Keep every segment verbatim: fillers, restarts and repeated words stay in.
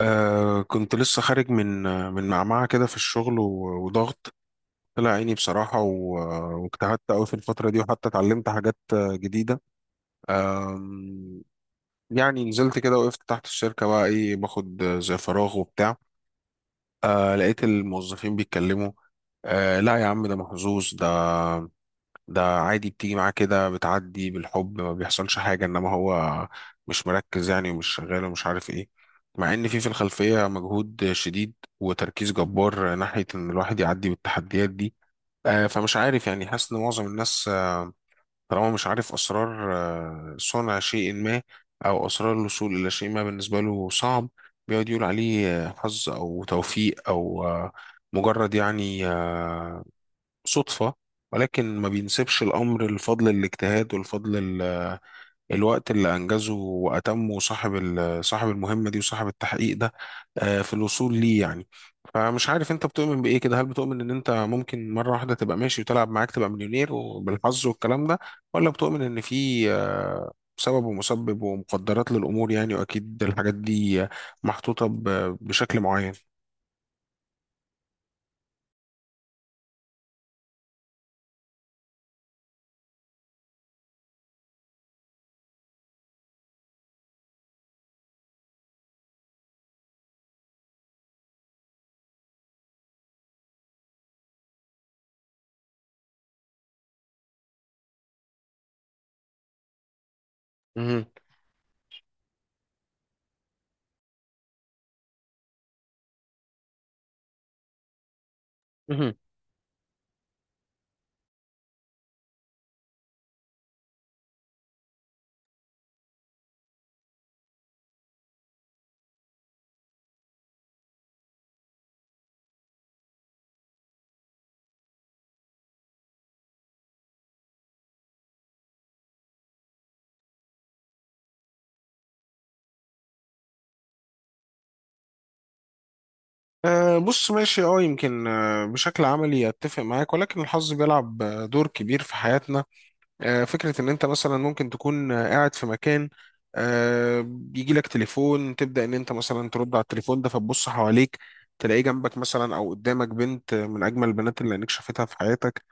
آه كنت لسه خارج من من معمعة كده في الشغل و- وضغط طلع عيني بصراحة و- واجتهدت أوي في الفترة دي، وحتى اتعلمت حاجات آه، جديدة. آم، يعني نزلت كده وقفت تحت الشركة، بقى إيه باخد زي فراغ وبتاع. آه لقيت الموظفين بيتكلموا: آه لا يا عم، ده محظوظ ده، ده عادي بتيجي معاه كده بتعدي بالحب ما بيحصلش حاجة، انما هو مش مركز يعني ومش شغال ومش عارف ايه. مع ان في في الخلفية مجهود شديد وتركيز جبار ناحية ان الواحد يعدي بالتحديات دي. آه، فمش عارف يعني، حاسس ان معظم الناس آه، طالما مش عارف اسرار آه، صنع شيء ما او اسرار الوصول الى شيء ما بالنسبة له صعب، بيقعد يقول عليه آه، حظ او توفيق او آه، مجرد يعني آه، صدفة، ولكن ما بينسبش الأمر لفضل الاجتهاد والفضل ال- الوقت اللي أنجزه وأتمه صاحب ال- صاحب المهمة دي وصاحب التحقيق ده آه، في الوصول ليه يعني. فمش عارف أنت بتؤمن بإيه كده، هل بتؤمن إن أنت ممكن مرة واحدة تبقى ماشي وتلعب معاك تبقى مليونير وبالحظ والكلام ده، ولا بتؤمن إن في آه، سبب ومسبب ومقدرات للأمور يعني، وأكيد الحاجات دي محطوطة ب- بشكل معين؟ مهم. أه بص ماشي، اه يمكن آه، بشكل عملي اتفق معاك، ولكن الحظ بيلعب آه، دور كبير في حياتنا. أه فكرة ان انت مثلا ممكن تكون آه، قاعد في مكان، أه يجي لك تليفون تبدأ ان انت مثلا ترد على التليفون ده، فتبص حواليك تلاقي جنبك مثلا او قدامك بنت من اجمل البنات اللي عينيك شافتها في حياتك.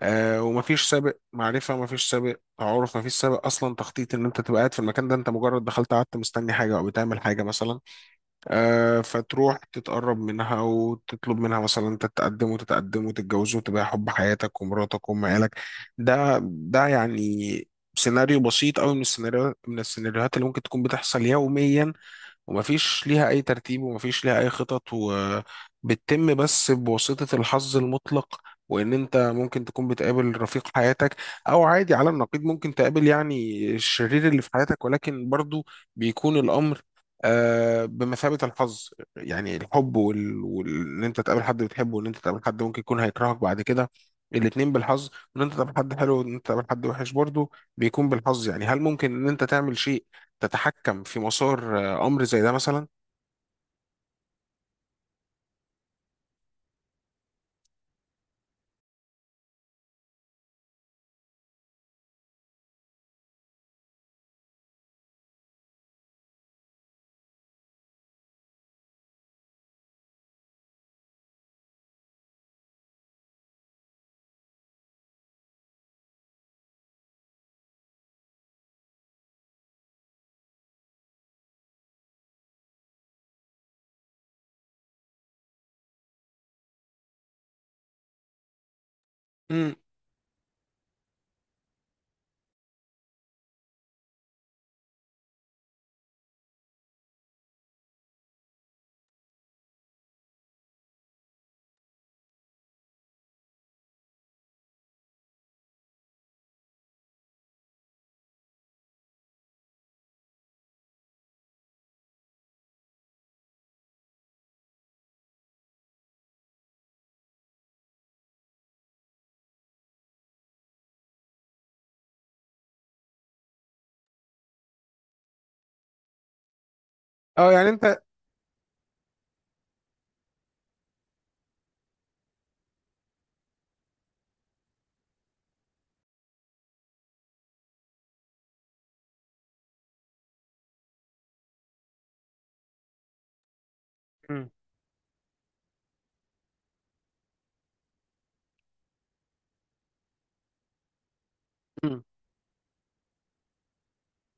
أه، ومفيش سابق معرفة، مفيش سابق تعارف، مفيش سابق اصلا تخطيط ان انت تبقى قاعد في المكان ده، انت مجرد دخلت قعدت مستني حاجة او بتعمل حاجة مثلا. آه، فتروح تتقرب منها وتطلب منها مثلا، انت تتقدم وتتقدم وتتجوزوا وتبقى حب حياتك ومراتك وام عيالك. ده ده يعني سيناريو بسيط قوي من السيناريو من السيناريوهات اللي ممكن تكون بتحصل يوميا، ومفيش ليها أي ترتيب ومفيش ليها أي خطط، وبتتم بس بواسطة الحظ المطلق. وإن أنت ممكن تكون بتقابل رفيق حياتك، أو عادي على النقيض ممكن تقابل يعني الشرير اللي في حياتك، ولكن برضو بيكون الأمر آه، بمثابة الحظ. يعني الحب وال... وال... إن أنت تقابل حد بتحبه وإن أنت تقابل حد ممكن يكون هيكرهك بعد كده، الاتنين بالحظ. وإن أنت تقابل حد حلو وإن أنت تقابل حد وحش برضو بيكون بالحظ. يعني هل ممكن إن أنت تعمل شيء تتحكم في مسار امر زي ده مثلا؟ امم، اه يعني انت. مم. مم.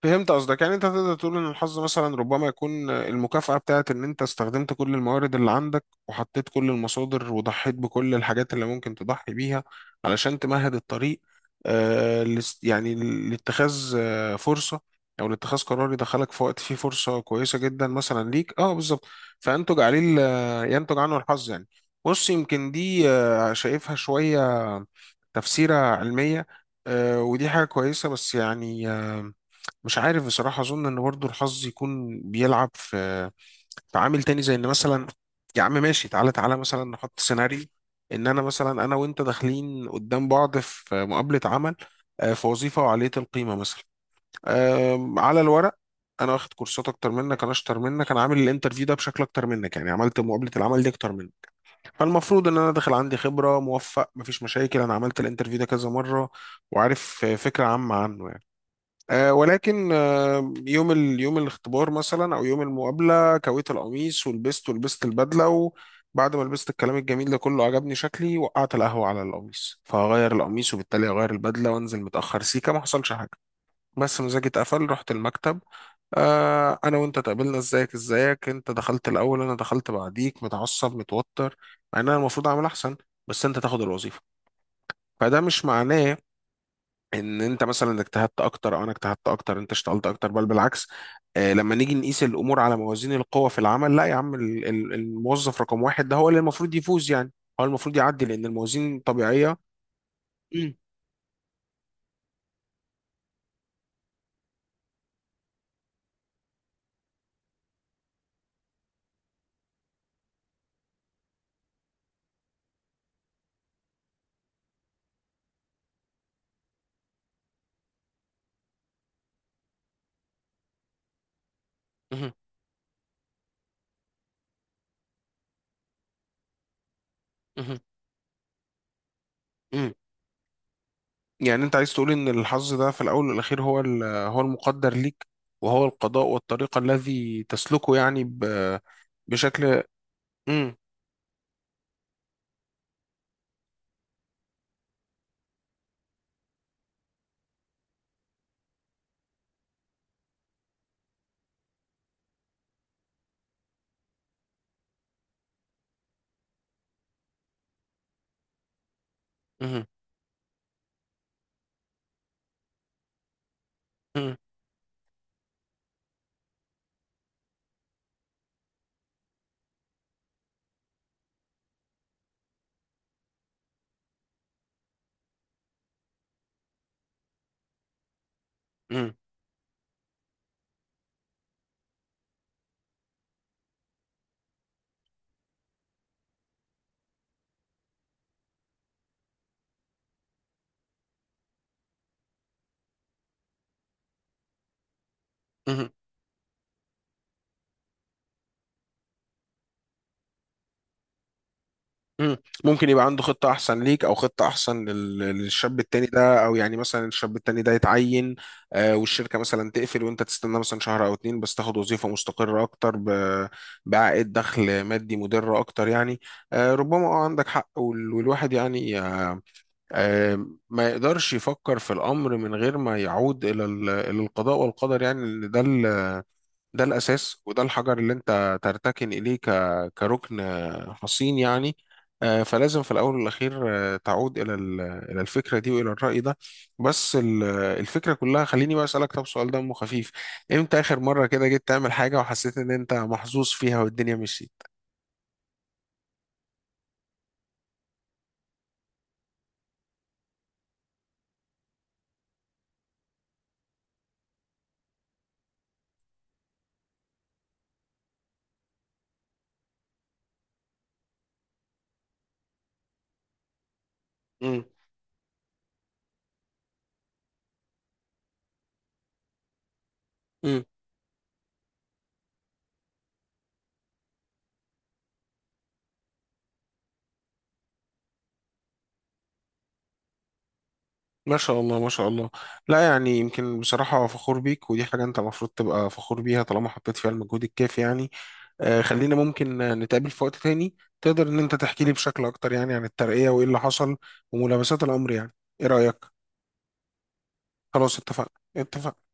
فهمت قصدك. يعني انت تقدر تقول ان الحظ مثلا ربما يكون المكافأة بتاعت ان انت استخدمت كل الموارد اللي عندك، وحطيت كل المصادر، وضحيت بكل الحاجات اللي ممكن تضحي بيها علشان تمهد الطريق آه لس- يعني لاتخاذ آه فرصة، او لاتخاذ قرار يدخلك في وقت فيه فرصة كويسة جدا مثلا ليك، اه بالظبط، فينتج عليه ال- ينتج عنه الحظ يعني. بص، يمكن دي آه شايفها شوية تفسيرة علمية، آه ودي حاجة كويسة، بس يعني مش عارف بصراحة. أظن إن برضه الحظ يكون بيلعب في في عامل تاني، زي إن مثلا يا عم ماشي، تعالى تعالى مثلا نحط سيناريو إن أنا مثلا، أنا وأنت داخلين قدام بعض في مقابلة عمل آه، في وظيفة وعالية القيمة مثلا. آم، على الورق، أنا واخد كورسات أكتر منك، أنا أشطر منك، أنا عامل الانترفيو ده بشكل أكتر منك، يعني عملت مقابلة العمل دي أكتر منك، فالمفروض إن أنا داخل عندي خبرة موفق مفيش مشاكل، أنا عملت الانترفيو ده كذا مرة وعارف آه، فكرة عامة عنه. آه، ولكن آه، يوم ال... يوم الاختبار مثلا او يوم المقابله، كويت القميص ولبست ولبست البدله، وبعد ما لبست الكلام الجميل ده كله عجبني شكلي، وقعت القهوه على القميص، فهغير القميص وبالتالي هغير البدله، وانزل متاخر. سيكه، ما حصلش حاجه، بس مزاجي اتقفل. رحت المكتب، آه انا وانت اتقابلنا، ازيك ازيك، انت دخلت الاول، انا دخلت بعديك متعصب متوتر، مع ان انا المفروض اعمل احسن، بس انت تاخد الوظيفه. فده مش معناه ان انت مثلا اجتهدت اكتر، او انا اجتهدت اكتر، انت اشتغلت اكتر، بل بالعكس. آه، لما نيجي نقيس الامور على موازين القوى في العمل، لا يا عم، ال- ال- الموظف رقم واحد ده هو اللي المفروض يفوز يعني، هو المفروض يعدي لان الموازين طبيعية. مم، مهم، مهم، مم. يعني انت عايز تقول ان الحظ ده في الاول والاخير هو ال- هو المقدر ليك، وهو القضاء والطريقة الذي تسلكه يعني، ب- بشكل. مم، مهم، مهم، مهم، مهم. مم. ممكن يبقى عنده خطة أحسن ليك، أو خطة أحسن لل- للشاب التاني ده، أو يعني مثلا الشاب التاني ده يتعين آه، والشركة مثلا تقفل، وأنت تستنى مثلا شهر أو اتنين بس تاخد وظيفة مستقرة أكتر ب- بعائد دخل مادي مدر أكتر يعني. آه، ربما أه عندك حق، وال- والواحد يعني آه، آه، ما يقدرش يفكر في الأمر من غير ما يعود إلى ال- إلى القضاء والقدر يعني، لأن ده ده الأساس، وده الحجر اللي أنت ترتكن إليه ك- كركن آه، حصين يعني. آه، فلازم في الأول والأخير آه، تعود إلى ال- إلى الفكرة دي وإلى الرأي ده. بس ال- الفكرة كلها، خليني بقى أسألك طب سؤال دمه خفيف: إمتى آخر مرة كده جيت تعمل حاجة وحسيت إن أنت محظوظ فيها والدنيا مشيت؟ مم. مم. ما شاء الله ما شاء الله. لا يعني يمكن بصراحة فخور بيك، ودي حاجة أنت المفروض تبقى فخور بيها طالما حطيت فيها المجهود الكافي يعني. آه، خلينا ممكن آه، نتقابل في وقت تاني، تقدر ان انت تحكي لي بشكل اكتر يعني عن الترقية وايه اللي حصل وملامسات الامر يعني. ايه رأيك؟ خلاص، اتفقنا اتفقنا.